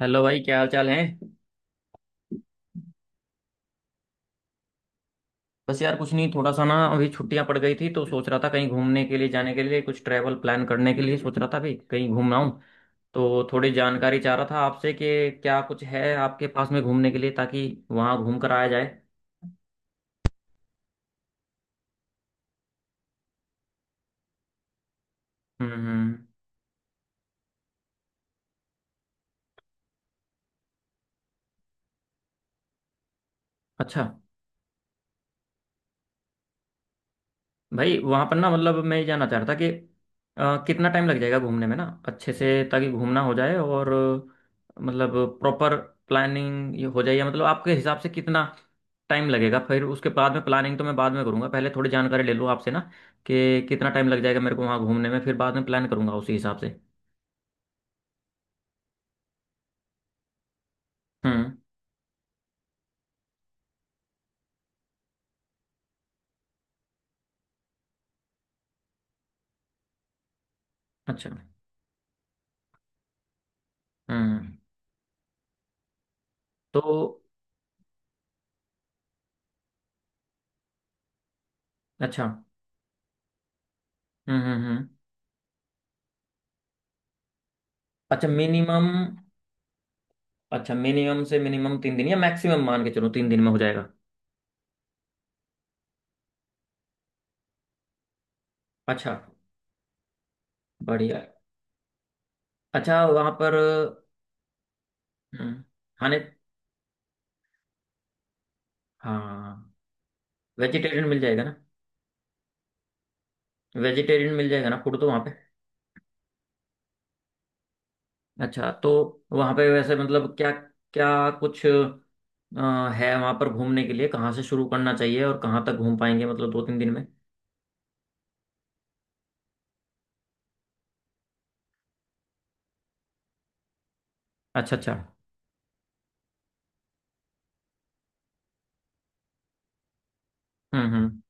Hello भाई, क्या हाल चाल है। बस यार, कुछ नहीं। थोड़ा सा ना, अभी छुट्टियां पड़ गई थी तो सोच रहा था कहीं घूमने के लिए, जाने के लिए, कुछ ट्रैवल प्लान करने के लिए सोच रहा था भाई, कहीं घूमना हूँ। तो थोड़ी जानकारी चाह रहा था आपसे कि क्या कुछ है आपके पास में घूमने के लिए, ताकि वहाँ घूम कर आया जाए। हम्म। अच्छा। भाई, वहां पर ना, मतलब मैं ये जानना चाह रहा था कि कितना टाइम लग जाएगा घूमने में ना अच्छे से, ताकि घूमना हो जाए। और मतलब प्रॉपर प्लानिंग ये हो जाए, या मतलब आपके हिसाब से कितना टाइम लगेगा। फिर उसके बाद में प्लानिंग तो मैं बाद में करूंगा, पहले थोड़ी जानकारी ले लूँ आपसे ना कि कितना टाइम लग जाएगा मेरे को वहाँ घूमने में, फिर बाद में प्लान करूंगा उसी हिसाब से। हम्म। अच्छा। हम्म। तो अच्छा। हम्म। अच्छा मिनिमम। अच्छा, मिनिमम से मिनिमम 3 दिन, या मैक्सिमम मान के चलो 3 दिन में हो जाएगा। अच्छा। बढ़िया। अच्छा, वहाँ पर हम्म, खाने, हाँ, वेजिटेरियन मिल जाएगा ना। वेजिटेरियन मिल जाएगा ना फूड तो वहाँ पे। अच्छा। तो वहाँ पे वैसे मतलब क्या, क्या कुछ है वहाँ पर घूमने के लिए, कहाँ से शुरू करना चाहिए और कहाँ तक घूम पाएंगे, मतलब 2-3 दिन में। अच्छा अच्छा। हम्म।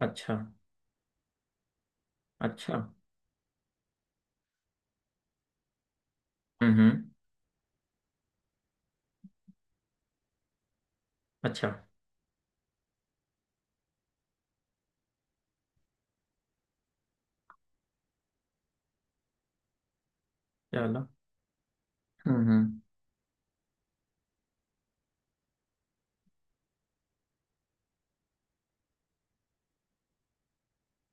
अच्छा अच्छा। हम्म। अच्छा। चलो। हम्म हम्म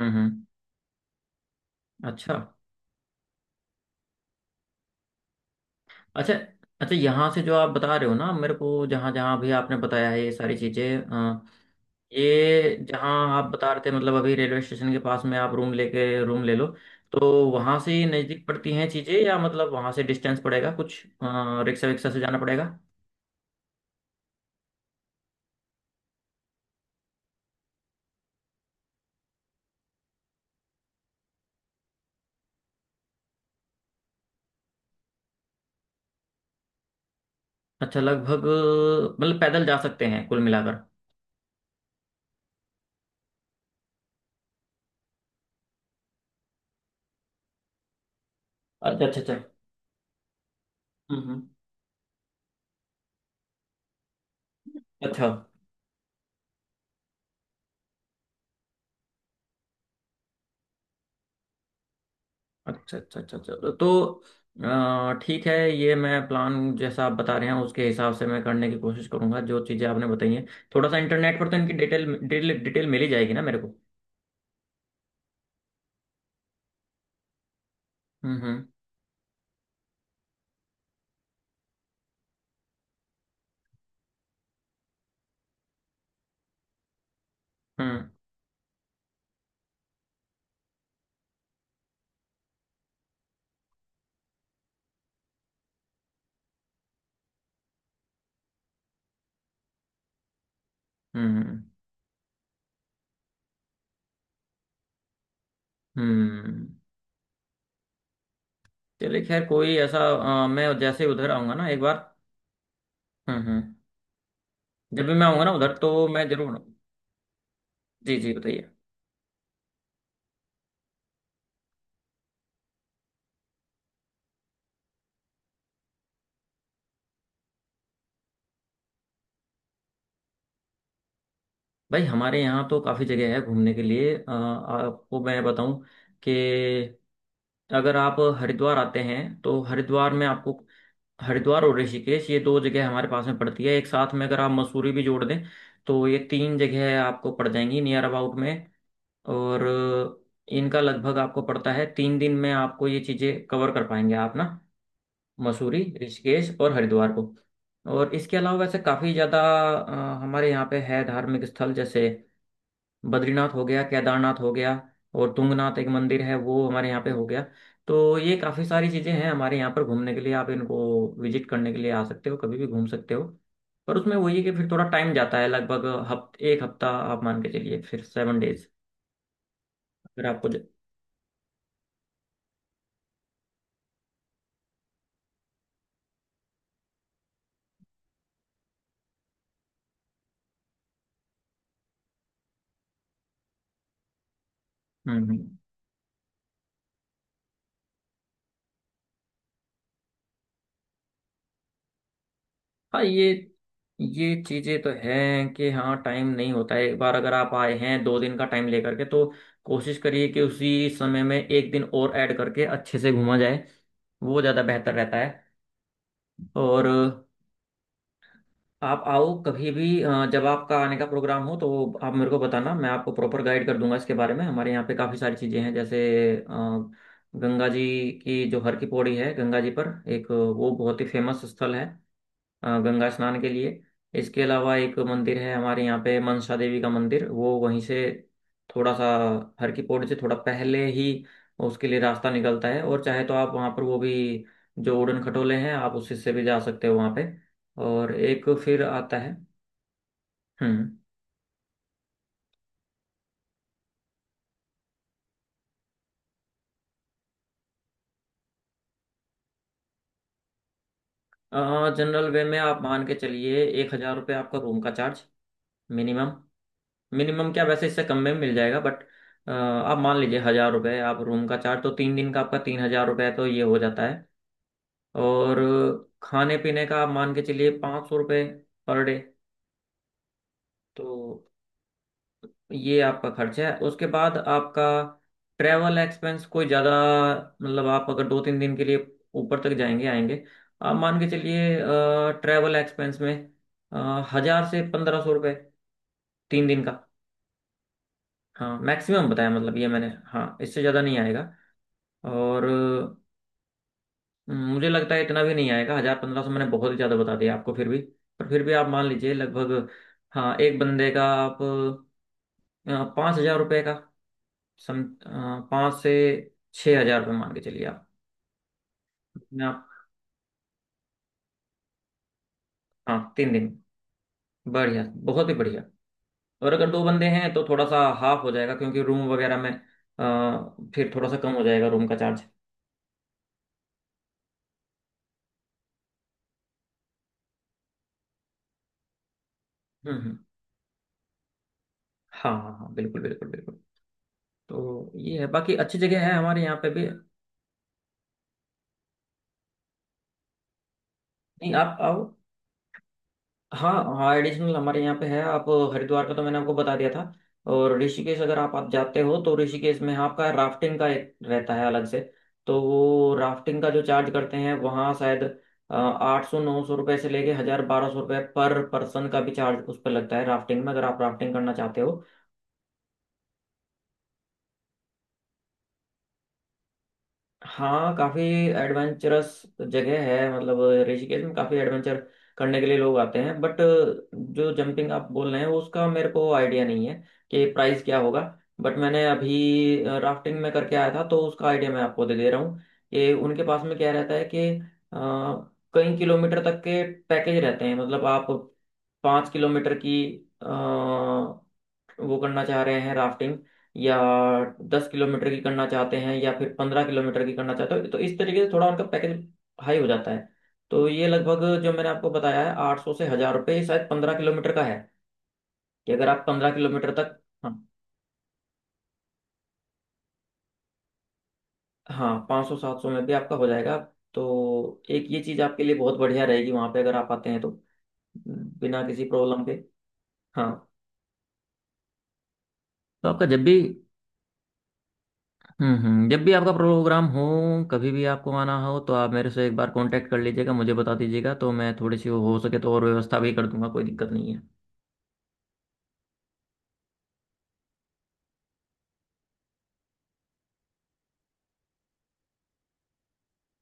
हम्म हम्म। अच्छा अच्छा अच्छा, यहाँ से जो आप बता रहे हो ना मेरे को, जहाँ जहाँ भी आपने बताया है ये सारी चीज़ें, ये जहाँ आप बता रहे थे, मतलब अभी रेलवे स्टेशन के पास में आप रूम लेके, रूम ले लो, तो वहाँ से ही नज़दीक पड़ती हैं चीज़ें, या मतलब वहाँ से डिस्टेंस पड़ेगा कुछ, रिक्शा विक्शा से जाना पड़ेगा। अच्छा, लगभग, मतलब पैदल जा सकते हैं कुल मिलाकर। अच्छा अच्छा अच्छा। हम्म। अच्छा अच्छा अच्छा अच्छा अच्छा। तो, ठीक है, ये मैं प्लान जैसा आप बता रहे हैं उसके हिसाब से मैं करने की कोशिश करूंगा, जो चीज़ें आपने बताई हैं। थोड़ा सा इंटरनेट पर तो इनकी डिटेल डिटेल डिटेल मिल ही जाएगी ना मेरे को। हम्म हम्म हम्म हम्म हम्म। हम्म। चलिए, खैर, कोई ऐसा, मैं जैसे उधर आऊंगा ना एक बार। हम्म। जब भी मैं आऊंगा ना उधर तो मैं जरूर। जी जी, बताइए। भाई, हमारे यहाँ तो काफ़ी जगह है घूमने के लिए, आपको मैं बताऊं कि अगर आप हरिद्वार आते हैं तो हरिद्वार में आपको, हरिद्वार और ऋषिकेश, ये दो जगह हमारे पास में पड़ती है। एक साथ में अगर आप मसूरी भी जोड़ दें, तो ये तीन जगह आपको पड़ जाएंगी नियर अबाउट में। और इनका लगभग आपको पड़ता है 3 दिन में, आपको ये चीज़ें कवर कर पाएंगे आप ना, मसूरी, ऋषिकेश और हरिद्वार को। और इसके अलावा वैसे काफ़ी ज़्यादा हमारे यहाँ पे है धार्मिक स्थल, जैसे बद्रीनाथ हो गया, केदारनाथ हो गया, और तुंगनाथ एक मंदिर है वो हमारे यहाँ पे हो गया। तो ये काफ़ी सारी चीज़ें हैं हमारे यहाँ पर घूमने के लिए, आप इनको विजिट करने के लिए आ सकते हो, कभी भी घूम सकते हो। पर उसमें वही है कि फिर थोड़ा टाइम जाता है, लगभग हफ्ते, एक हफ्ता आप मान के चलिए, फिर 7 डेज। अगर आपको ज-। हम्म। हाँ, ये चीजें तो हैं कि हाँ टाइम नहीं होता है। एक बार अगर आप आए हैं 2 दिन का टाइम लेकर के, तो कोशिश करिए कि उसी समय में एक दिन और ऐड करके अच्छे से घूमा जाए, वो ज़्यादा बेहतर रहता है। और आप आओ कभी भी, जब आपका आने का प्रोग्राम हो तो आप मेरे को बताना, मैं आपको प्रॉपर गाइड कर दूंगा इसके बारे में। हमारे यहाँ पे काफ़ी सारी चीज़ें हैं, जैसे अ, गंगा जी की जो हर की पौड़ी है, गंगा जी पर एक वो बहुत ही फेमस स्थल है गंगा स्नान के लिए। इसके अलावा एक मंदिर है हमारे यहाँ पे, मनसा देवी का मंदिर, वो वहीं से थोड़ा सा, हर की पौड़ी से थोड़ा पहले ही उसके लिए रास्ता निकलता है, और चाहे तो आप वहाँ पर वो भी, जो उड़न खटोले हैं, आप उससे से भी जा सकते हो वहाँ पे। और एक फिर आता है। हम्म। जनरल वे में आप मान के चलिए 1,000 रुपये आपका रूम का चार्ज, मिनिमम। मिनिमम क्या, वैसे इससे कम में मिल जाएगा, बट आप मान लीजिए 1,000 रुपये आप रूम का चार्ज, तो 3 दिन का आपका 3,000 रुपये तो ये हो जाता है। और खाने पीने का आप मान के चलिए 500 रुपये पर डे, तो ये आपका खर्च है। उसके बाद आपका ट्रैवल एक्सपेंस कोई ज़्यादा, मतलब आप अगर 2-3 दिन के लिए ऊपर तक जाएंगे आएंगे, आप मान के चलिए ट्रैवल एक्सपेंस में 1,000 से 1,500 रुपये, 3 दिन का। हाँ मैक्सिमम बताया मतलब ये मैंने, हाँ इससे ज़्यादा नहीं आएगा। और मुझे लगता है इतना भी नहीं आएगा, 1,000 1,500 मैंने बहुत ही ज्यादा बता दिया आपको, फिर भी, पर फिर भी आप मान लीजिए लगभग, हाँ, एक बंदे का आप 5,000 रुपये का सम, 5,000 से 6,000 रुपये मान के चलिए आप अपने आप। हाँ 3 दिन। बढ़िया, बहुत ही बढ़िया। और अगर दो बंदे हैं तो थोड़ा सा हाफ हो जाएगा क्योंकि रूम वगैरह में, फिर थोड़ा सा कम हो जाएगा रूम का चार्ज। हम्म। हाँ हाँ हाँ, बिल्कुल बिल्कुल बिल्कुल। तो ये है, बाकी अच्छी जगह है हमारे यहाँ पे भी। नहीं, आप आओ। हाँ हाँ, एडिशनल हमारे यहाँ पे है आप। हरिद्वार का तो मैंने आपको बता दिया था। और ऋषिकेश अगर आप जाते हो तो ऋषिकेश में, हाँ, आपका राफ्टिंग का एक रहता है अलग से। तो वो राफ्टिंग का जो चार्ज करते हैं वहाँ शायद 800 900 रुपये से लेके 1,000 1,200 रुपये पर पर्सन का भी चार्ज उस पर लगता है राफ्टिंग में, अगर आप राफ्टिंग करना चाहते हो। हाँ, काफी एडवेंचरस जगह है, मतलब ऋषिकेश में काफी एडवेंचर करने के लिए लोग आते हैं। बट जो जंपिंग आप बोल रहे हैं उसका मेरे को आइडिया नहीं है कि प्राइस क्या होगा। बट मैंने अभी राफ्टिंग में करके आया था, तो उसका आइडिया मैं आपको दे दे रहा हूँ कि उनके पास में क्या रहता है कि अ, कई किलोमीटर तक के पैकेज रहते हैं। मतलब आप 5 किलोमीटर की वो करना चाह रहे हैं राफ्टिंग, या 10 किलोमीटर की करना चाहते हैं, या फिर 15 किलोमीटर की करना चाहते हो, तो इस तरीके से थोड़ा उनका पैकेज हाई हो जाता है। तो ये लगभग जो मैंने आपको बताया है, 800 से 1,000 रुपये, ये शायद 15 किलोमीटर का है, कि अगर आप 15 किलोमीटर तक। हाँ हाँ, 500 700 में भी आपका हो जाएगा। तो एक ये चीज़ आपके लिए बहुत बढ़िया रहेगी वहाँ पे, अगर आप आते हैं तो, बिना किसी प्रॉब्लम के। हाँ। तो आपका जब भी, जब भी आपका प्रोग्राम हो, कभी भी आपको आना हो तो आप मेरे से एक बार कांटेक्ट कर लीजिएगा, मुझे बता दीजिएगा, तो मैं थोड़ी सी हो सके तो और व्यवस्था भी कर दूंगा, कोई दिक्कत नहीं है।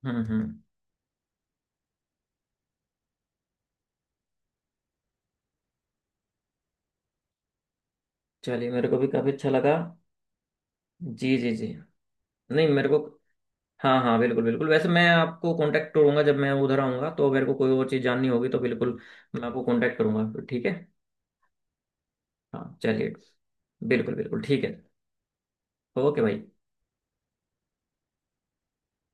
हम्म। चलिए, मेरे को भी काफ़ी अच्छा लगा। जी जी जी। नहीं, मेरे को, हाँ हाँ बिल्कुल बिल्कुल, वैसे मैं आपको कांटेक्ट करूंगा जब मैं उधर आऊंगा, तो मेरे को कोई और चीज़ जाननी होगी तो बिल्कुल मैं आपको कांटेक्ट करूंगा। ठीक है। हाँ चलिए, बिल्कुल बिल्कुल, ठीक है। ओके भाई।